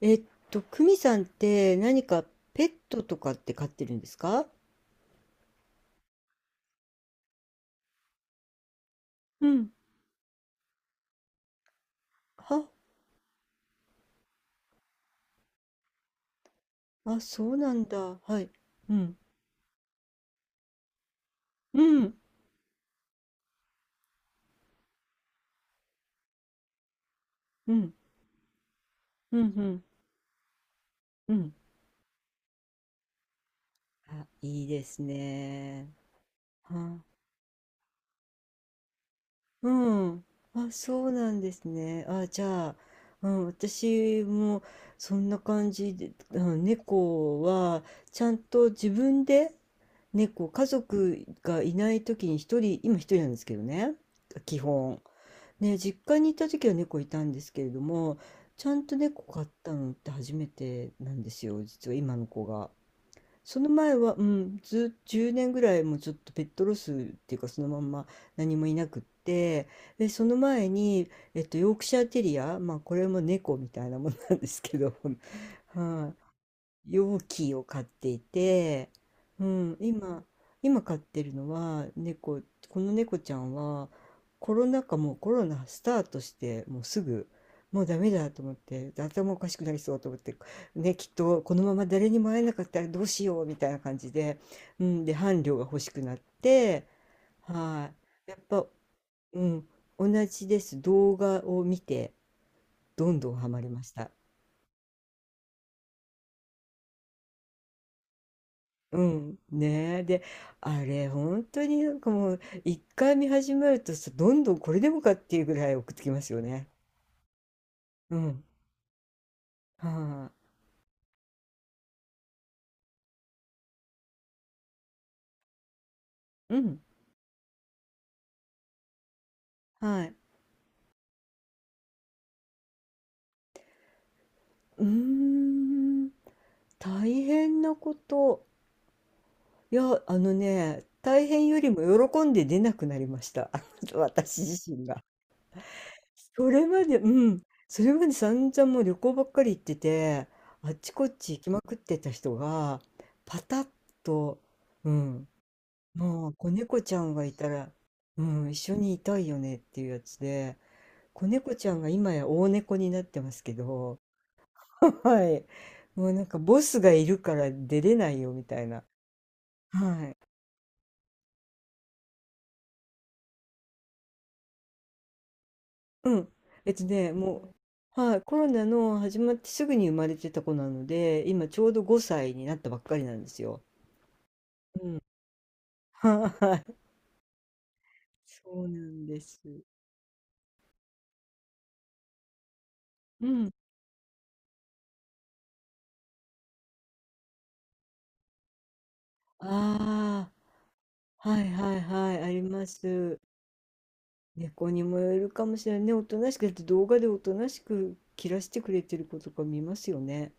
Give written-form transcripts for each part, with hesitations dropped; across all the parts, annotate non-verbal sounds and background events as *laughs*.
えっクミさんって何かペットとかって飼ってるんですか？うん。は。あ、そうなんだ。はい。うん。うん。うん。うん。うん。うん。あ、いいですね。は。うん。あ、そうなんですね。あ、じゃあ、うん、私もそんな感じで、うん、猫はちゃんと自分で家族がいない時に一人、今一人なんですけどね、基本。ね、実家に行った時は猫いたんですけれども、ちゃんと猫飼ったのって初めてなんですよ、実は今の子が。その前は、うん、ず、10年ぐらいもうちょっとペットロスっていうかそのまんま何もいなくって、で、その前に、ヨークシャーテリア、まあこれも猫みたいなもんなんですけど、*laughs* はい、容器を買っていて、うん、今、今飼ってるのは猫、この猫ちゃんはコロナ禍、もうコロナスタートしてもうすぐもうダメだと思って、頭おかしくなりそうと思って、ねきっとこのまま誰にも会えなかったらどうしようみたいな感じで、うん、で伴侶が欲しくなって、は、いやっぱ、うん、同じです、動画を見てどんどんハマりました。うん、ねえ。で、あれ、本当になんかもう、一回見始めるとさ、どんどんこれでもかっていうぐらい送ってきますよね。うん。はい。うん。はい。うーん。大変なこと。いや、あのね、大変よりも喜んで出なくなりました。*laughs* あの、私自身が。それまで、うん。それまで散々もう旅行ばっかり行ってて、あっちこっち行きまくってた人が、パタッと、うん。まあ、子猫ちゃんがいたら、うん、一緒にいたいよねっていうやつで、子猫ちゃんが今や大猫になってますけど、*laughs* はい。もうなんかボスがいるから出れないよみたいな。はい。うん。もう、はい、コロナの始まってすぐに生まれてた子なので、今ちょうど5歳になったばっかりなんですよ。うん。*laughs* はい。そうなんです。うん。ああ、はいはいはい、あります。猫にもよるかもしれないね。おとなしく、だって動画でおとなしく切らしてくれてる子とか見ますよね。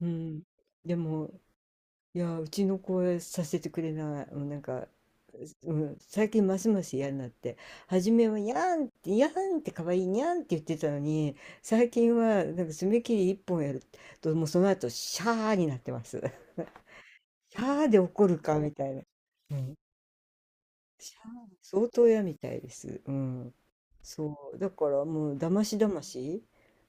うん。でも、いや、うちの子はさせてくれない。もうなんか、うん、最近ますます嫌になって、初めはにゃんって、にゃんって可愛いにゃんって言ってたのに、最近はなんか爪切り一本やると、もうその後、シャーになってます。*laughs* シャーで怒るかみたいな。うん、しゃあ相当嫌みたいです。うん。そう、だからもうだましだまし、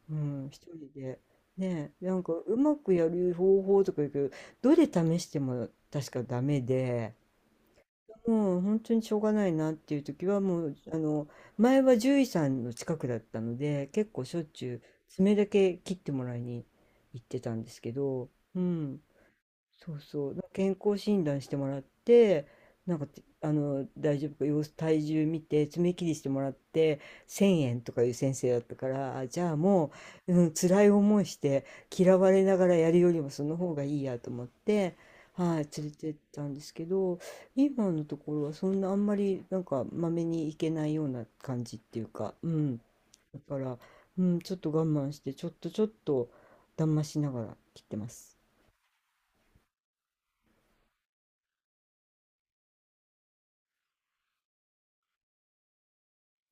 うん、一人で。ねえ、なんかうまくやる方法とか言うけど、どれ試しても確かダメで、もう本当にしょうがないなっていう時はもう、前は獣医さんの近くだったので、結構しょっちゅう爪だけ切ってもらいに行ってたんですけど、うん。そうそう、健康診断してもらって、大丈夫か、様子、体重見て、爪切りしてもらって、1000円とかいう先生だったから、あじゃあもう、うん、辛い思いして、嫌われながらやるよりもその方がいいやと思って、はい、連れてったんですけど、今のところはそんなあんまり、なんか、まめに行けないような感じっていうか、うん。だから、うん、ちょっと我慢して、ちょっとちょっと、だましながら切ってます。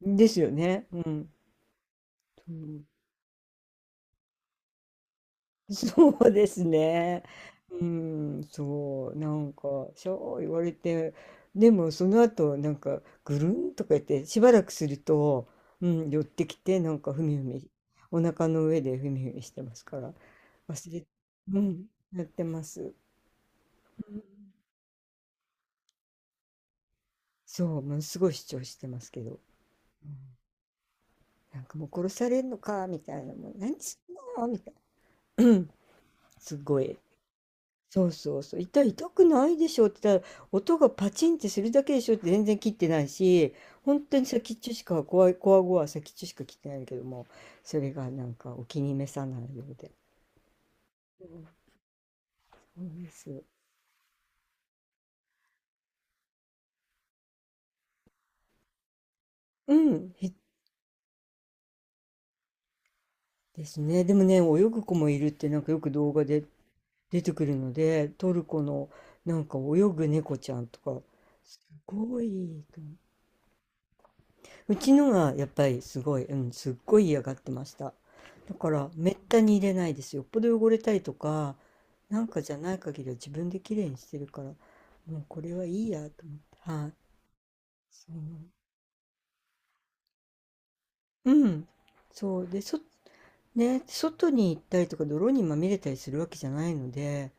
ですよね。うん。うん、そうですね。うん、そう、なんか、そう言われて、でもその後、なんか、ぐるんとか言って、しばらくすると、うん、寄ってきて、なんか、ふみふみ、お腹の上でふみふみしてますから、忘れ、うん、やってます。うん、そう、ものすごい主張してますけど、うん、なんかもう殺されんのか、みたいな、もう何すんのみたいな、うん、すごい、そうそうそう。痛い、痛くないでしょって言ったら、音がパチンってするだけでしょって全然切ってないし、本当に先っちょしか、こわいこわごわ先っちょしか切ってないけども、それがなんかお気に召さないようで。うん、そうです。うん、へですね。でもね、泳ぐ子もいるってなんかよく動画で出てくるので、トルコのなんか泳ぐ猫ちゃんとか、すごいと思う。うちのがやっぱりすごい、うん、すっごい嫌がってました。だからめったに入れないですよ。よっぽど汚れたりとか、なんかじゃない限りは自分で綺麗にしてるから、もうこれはいいやと思って。はい。そう。うん。そう。で、そ、ね、外に行ったりとか泥にまみれたりするわけじゃないので、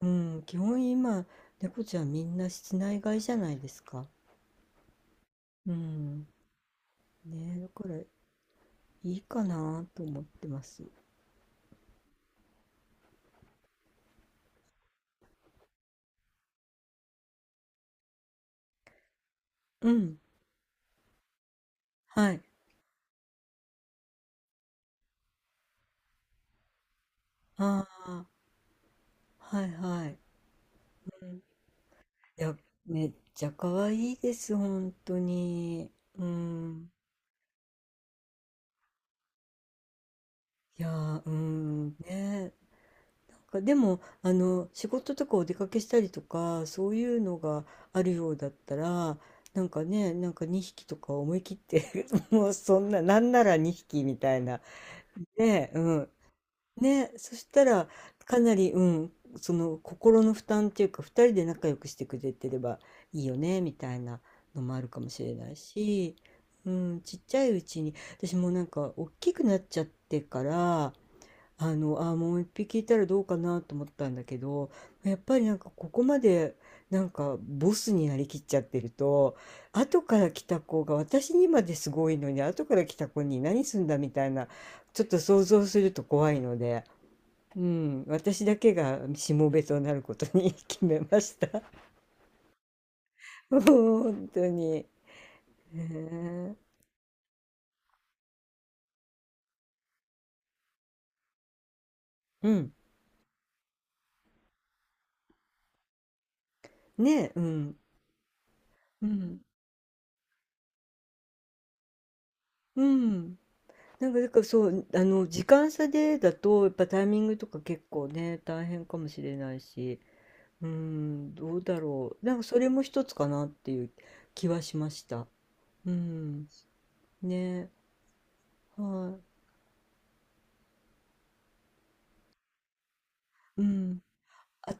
うん、基本今、猫ちゃんみんな室内飼いじゃないですか。うん。ね、だからいいかなと思ってます。うん。はい。ああ。はいはい。うん、いや、めっちゃ可愛いです、本当に。うん。いやー、うん、ね。なんかでも、あの、仕事とかお出かけしたりとか、そういうのがあるようだったら、なんかね、なんか2匹とか思い切って *laughs* もうそんな、なんなら2匹みたいな。ね、うん、ね、そしたらかなり、うん、その心の負担っていうか、二人で仲良くしてくれてればいいよねみたいなのもあるかもしれないし、うん、ちっちゃいうちに私もなんか大きくなっちゃってから、あのもう一匹いたらどうかなと思ったんだけど、やっぱりなんかここまでなんかボスになりきっちゃってると、後から来た子が、私にまですごいのに後から来た子に何すんだみたいな、ちょっと想像すると怖いので。うん、私だけがしもべとなることに *laughs* 決めました。*laughs* 本当に。ねえ、うん。ねえ、うん。うん。うん。なんか、だからそう、あの、時間差でだと、やっぱタイミングとか結構ね、大変かもしれないし、うん、どうだろう。なんか、それも一つかなっていう気はしました。うん。ねえ、はい。うん。あ、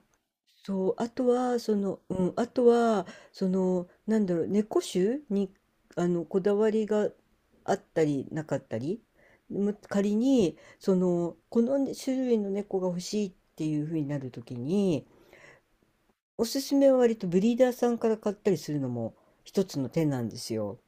そう、あとは、その、うん、あとは、なんだろう、猫種に、あの、こだわりがあったり、なかったり、む仮に、その、この種類の猫が欲しいっていうふうになるときに、おすすめは割とブリーダーさんから買ったりするのも一つの手なんですよ。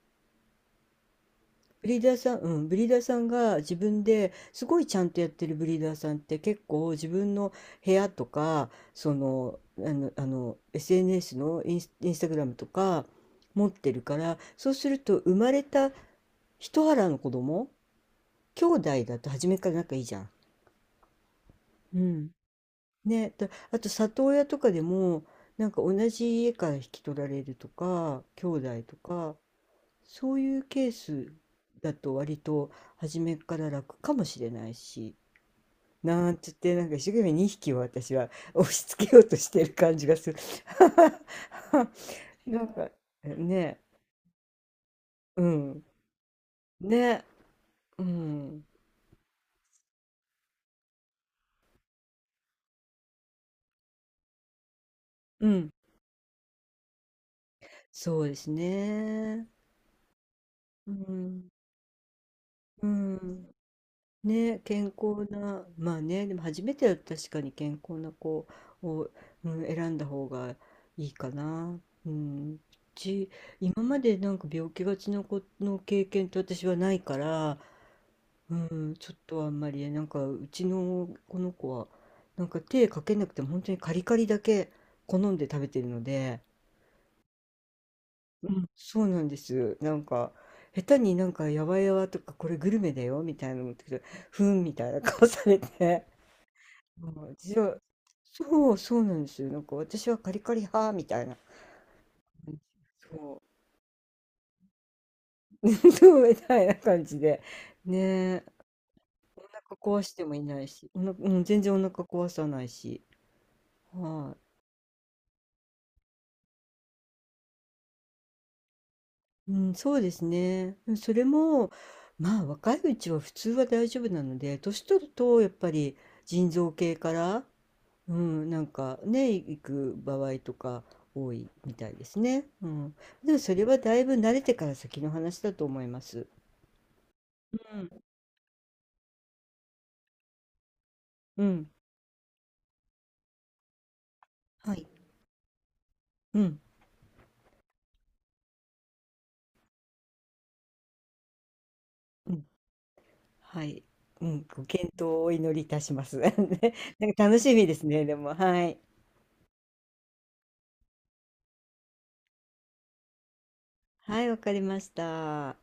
ブリーダーさんが自分ですごいちゃんとやってるブリーダーさんって結構自分の部屋とか、あの SNS のインスタグラムとか持ってるから、そうすると生まれた一腹の子供、兄弟だと初めから仲いいじゃん。うん。ね、だあと里親とかでも、なんか同じ家から引き取られるとか兄弟とか、そういうケースだと割と初めから楽かもしれないし、なんつってなんか一生懸命2匹を私は押し付けようとしてる感じがする。*laughs* なんかね、うん、ね、うん、うん、そうですね。うん、うん。ね、健康な、まあね、でも初めてだと確かに健康な子を、うん、選んだ方がいいかな。うん。うち、今までなんか病気がちな子の経験って私はないから、うん、ちょっとあんまりね、なんかうちのこの子は、なんか手かけなくても本当にカリカリだけ好んで食べてるので、うん、そうなんです。なんか、下手になんかやわやわとかこれグルメだよみたいなの持ってきて、ふんみたいな顔されて。ああ、じゃあ、そう、そうなんですよ。なんか私はカリカリ派みたいな感じ。そう。*laughs* そうみたいな感じで。ねえ、お腹壊してもいないし、おな、うん、全然お腹壊さないし。はい。うん、そうですね。うんそれも、まあ若いうちは普通は大丈夫なので、年取るとやっぱり腎臓系から、うん、なんかね、行く場合とか多いみたいですね。うん。でもそれはだいぶ慣れてから先の話だと思います。うん、うん、はい。うん、うん、はい、うん、ご健闘をお祈りいたします。*laughs* ね、なんか楽しみですね、でも、はい。はい、わかりました。